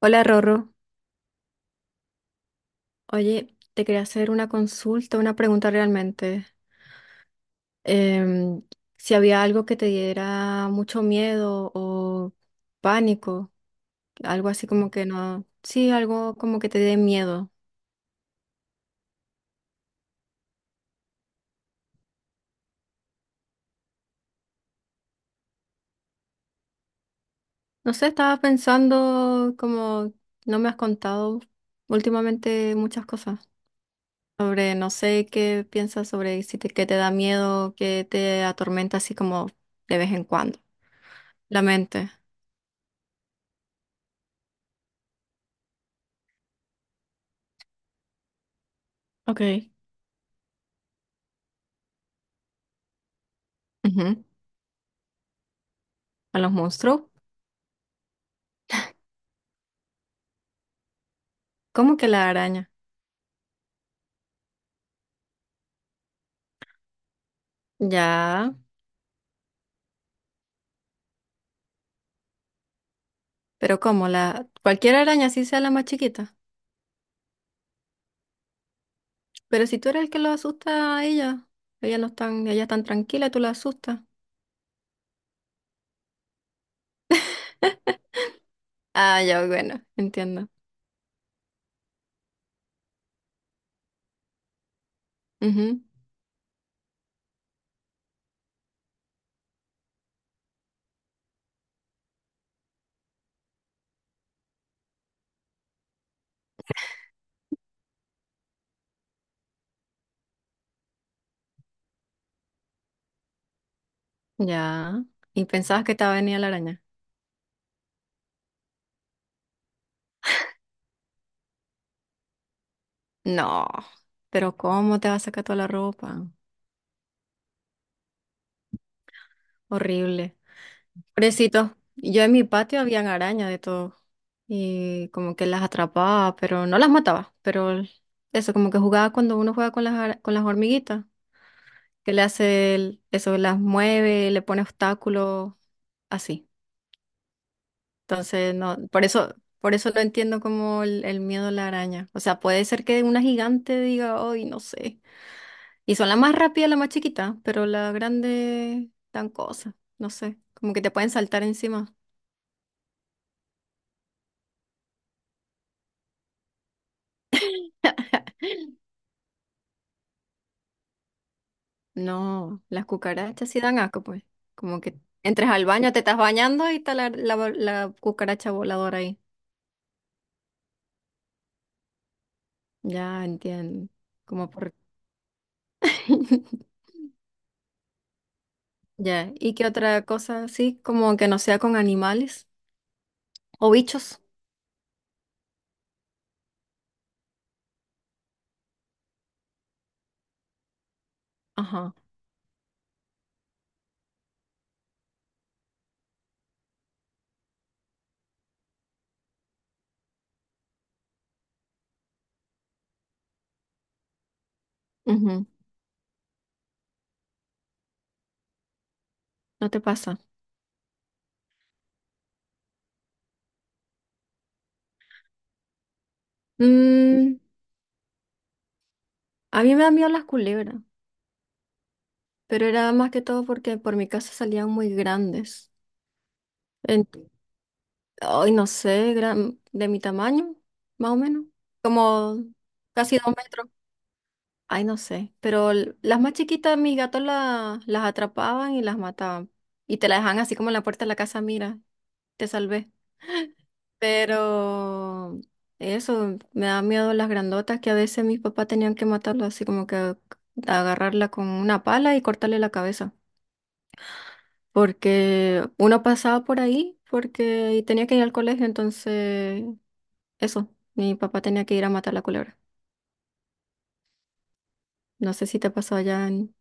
Hola Rorro, oye, te quería hacer una consulta, una pregunta realmente. Em, si había algo que te diera mucho miedo o pánico, algo así como que no, sí, algo como que te dé miedo. No sé, estaba pensando como no me has contado últimamente muchas cosas sobre, no sé qué piensas sobre si te, qué te da miedo, qué te atormenta así como de vez en cuando, la mente. Ok. Ujú. A los monstruos. ¿Cómo que la araña? Ya, pero ¿cómo? La, cualquier araña, así sea la más chiquita. Pero si tú eres el que lo asusta a ella, ella no están, ella tan tranquila, tú la asustas. Ah, ya, bueno, entiendo. Ujú. Ya. ¿Y pensabas que te va a venir la araña? No, pero ¿cómo te va a sacar toda la ropa? Horrible. Pobrecito, yo en mi patio habían arañas de todo. Y como que las atrapaba, pero no las mataba, pero eso, como que jugaba cuando uno juega con las, con las hormiguitas, que le hace eso, las mueve, le pone obstáculos, así. Entonces, no, por eso no entiendo como el miedo a la araña. O sea, puede ser que una gigante diga, hoy no sé. Y son las más rápidas las más chiquitas, pero la grande, dan cosas, no sé, como que te pueden saltar encima. No, las cucarachas sí dan asco, pues. Como que entres al baño, te estás bañando y está la cucaracha voladora ahí. Ya entiendo. Como por. Ya. ¿Y qué otra cosa? Sí, como que no sea con animales o bichos. Ajá. Ujú. No te pasa. Mm, a mí me dan miedo las culebras, pero era más que todo porque por mi casa salían muy grandes. En- Ay, no sé, de mi tamaño, más o menos. Como casi 2 metros. Ay, no sé, pero las más chiquitas mis gatos las atrapaban y las mataban. Y te la dejaban así como en la puerta de la casa, mira, te salvé. Pero eso, me da miedo las grandotas que a veces mis papás tenían que matarlas así como que agarrarla con una pala y cortarle la cabeza. Porque uno pasaba por ahí porque y tenía que ir al colegio, entonces eso, mi papá tenía que ir a matar la culebra. No sé si te pasó allá en,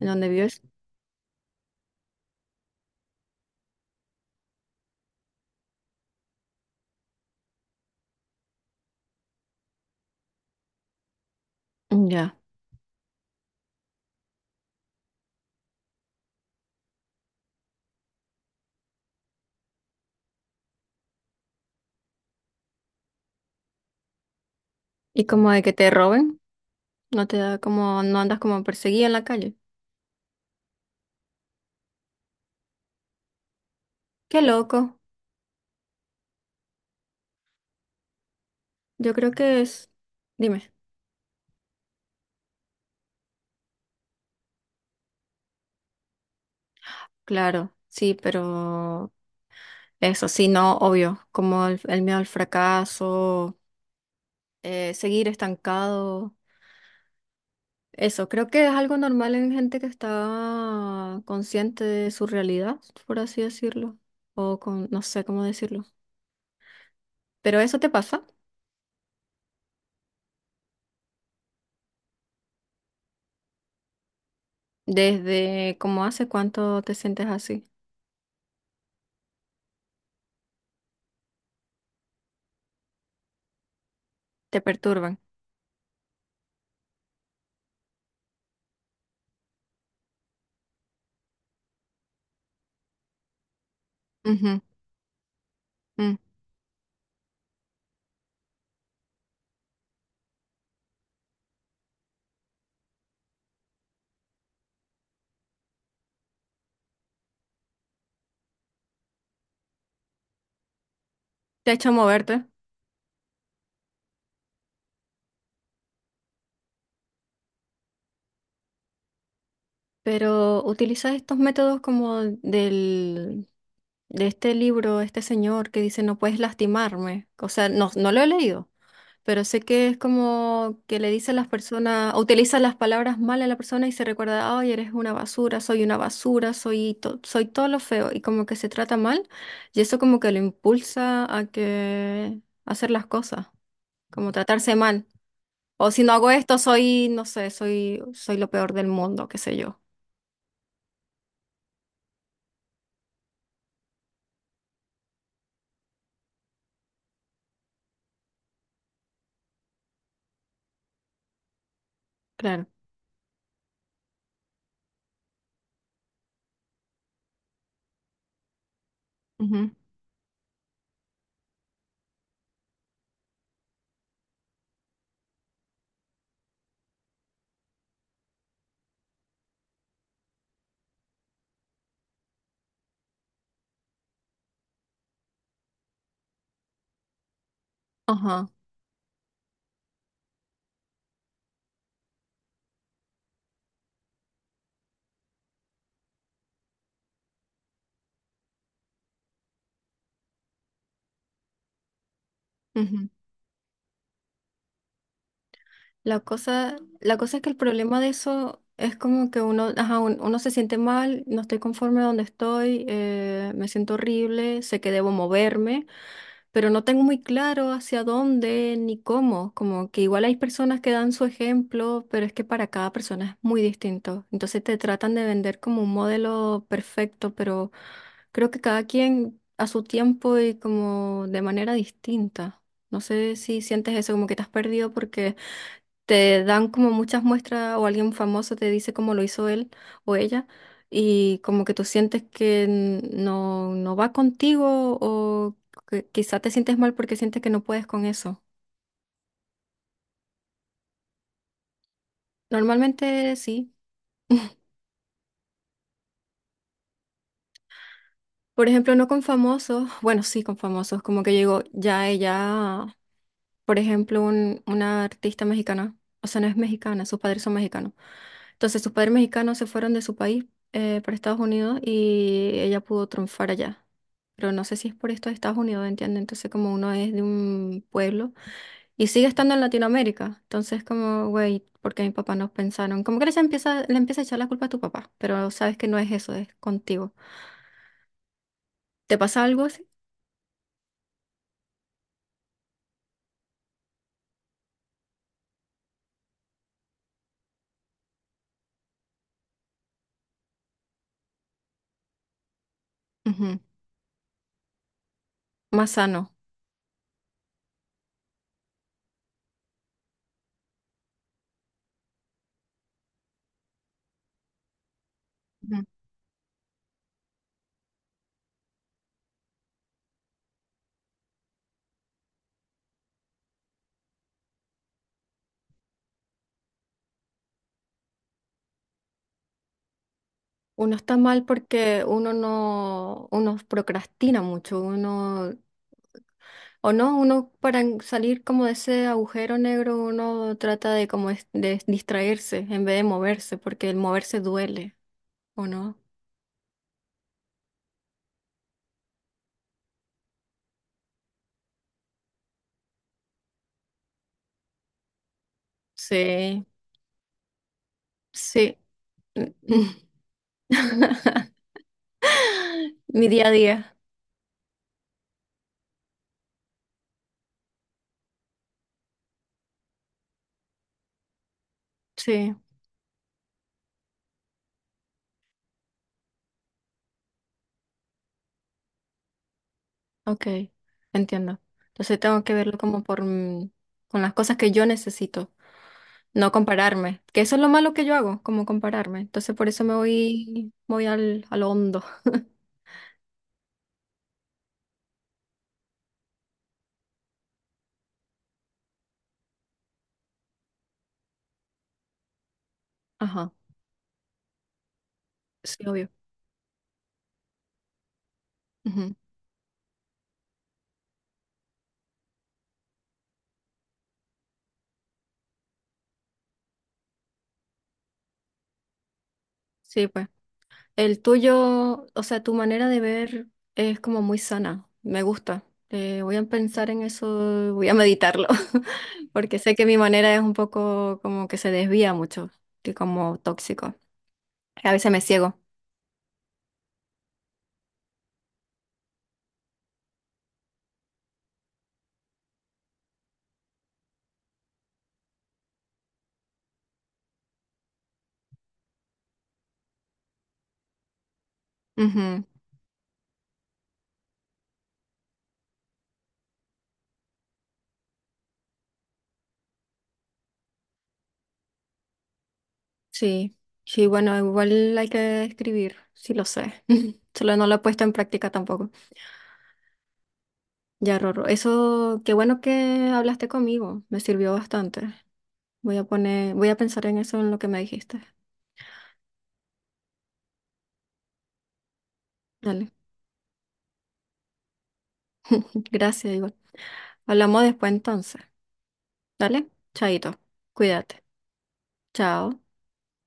en donde vives. Ya. ¿Y como de que te roben? No te da como, no andas como perseguida en la calle. Qué loco. Yo creo que es. Dime. Claro, sí, pero eso sí, no, obvio. Como el miedo al fracaso, seguir estancado. Eso, creo que es algo normal en gente que está consciente de su realidad, por así decirlo. O con, no sé cómo decirlo. Pero eso te pasa desde como hace cuánto te sientes así. Te perturban. Ujú. Mm. Te ha hecho moverte. Pero utiliza estos métodos como del, de este libro, este señor que dice no puedes lastimarme. O sea, no, no lo he leído, pero sé que es como que le dice a las personas, utiliza las palabras mal a la persona y se recuerda, ay, eres una basura, soy una basura, soy todo lo feo y como que se trata mal y eso como que lo impulsa a que a hacer las cosas, como tratarse mal. O si no hago esto, soy, no sé, soy lo peor del mundo, qué sé yo. Claro. Ajá. Ujú. La cosa, la cosa es que el problema de eso es como que uno, ajá, uno se siente mal, no estoy conforme donde estoy, me siento horrible, sé que debo moverme. Pero no tengo muy claro hacia dónde ni cómo. Como que igual hay personas que dan su ejemplo, pero es que para cada persona es muy distinto. Entonces te tratan de vender como un modelo perfecto, pero creo que cada quien a su tiempo y como de manera distinta. No sé si sientes eso, como que te has perdido porque te dan como muchas muestras o alguien famoso te dice cómo lo hizo él o ella y como que tú sientes que no va contigo o que quizá te sientes mal porque sientes que no puedes con eso. Normalmente sí. Por ejemplo, no con famosos, bueno, sí con famosos, como que yo digo, ya ella por ejemplo, una artista mexicana, o sea, no es mexicana, sus padres son mexicanos. Entonces, sus padres mexicanos se fueron de su país para Estados Unidos y ella pudo triunfar allá. Pero no sé si es por esto de Estados Unidos, ¿entiendes? Entonces, como uno es de un pueblo y sigue estando en Latinoamérica, entonces, como, güey, ¿porque mis papás no pensaron? Como que le empieza a echar la culpa a tu papá, pero sabes que no es eso, es contigo. ¿Te pasa algo así? Ujú. Más sano. Uno está mal porque uno no, uno procrastina mucho, uno, o no, uno para salir como de ese agujero negro, uno trata de como de distraerse en vez de moverse, porque el moverse duele, ¿o no? Sí, sí. Mi día a día, sí, ok, entiendo. Entonces tengo que verlo como por, con las cosas que yo necesito. No compararme, que eso es lo malo que yo hago, como compararme. Entonces por eso me voy, voy al hondo. Ajá, sí, obvio. Ujú. Sí, pues. El tuyo, o sea, tu manera de ver es como muy sana, me gusta. Voy a pensar en eso, voy a meditarlo, porque sé que mi manera es un poco como que se desvía mucho, y como tóxico. A veces me ciego. Ujú. Sí, sí, bueno, igual hay que escribir, sí lo sé. Solo no lo he puesto en práctica tampoco. Ya, Rorro, eso, qué bueno que hablaste conmigo, me sirvió bastante. Voy a poner, voy a pensar en eso, en lo que me dijiste. Dale. Gracias, Iván. Hablamos después entonces. Dale, chaito, cuídate. Chao.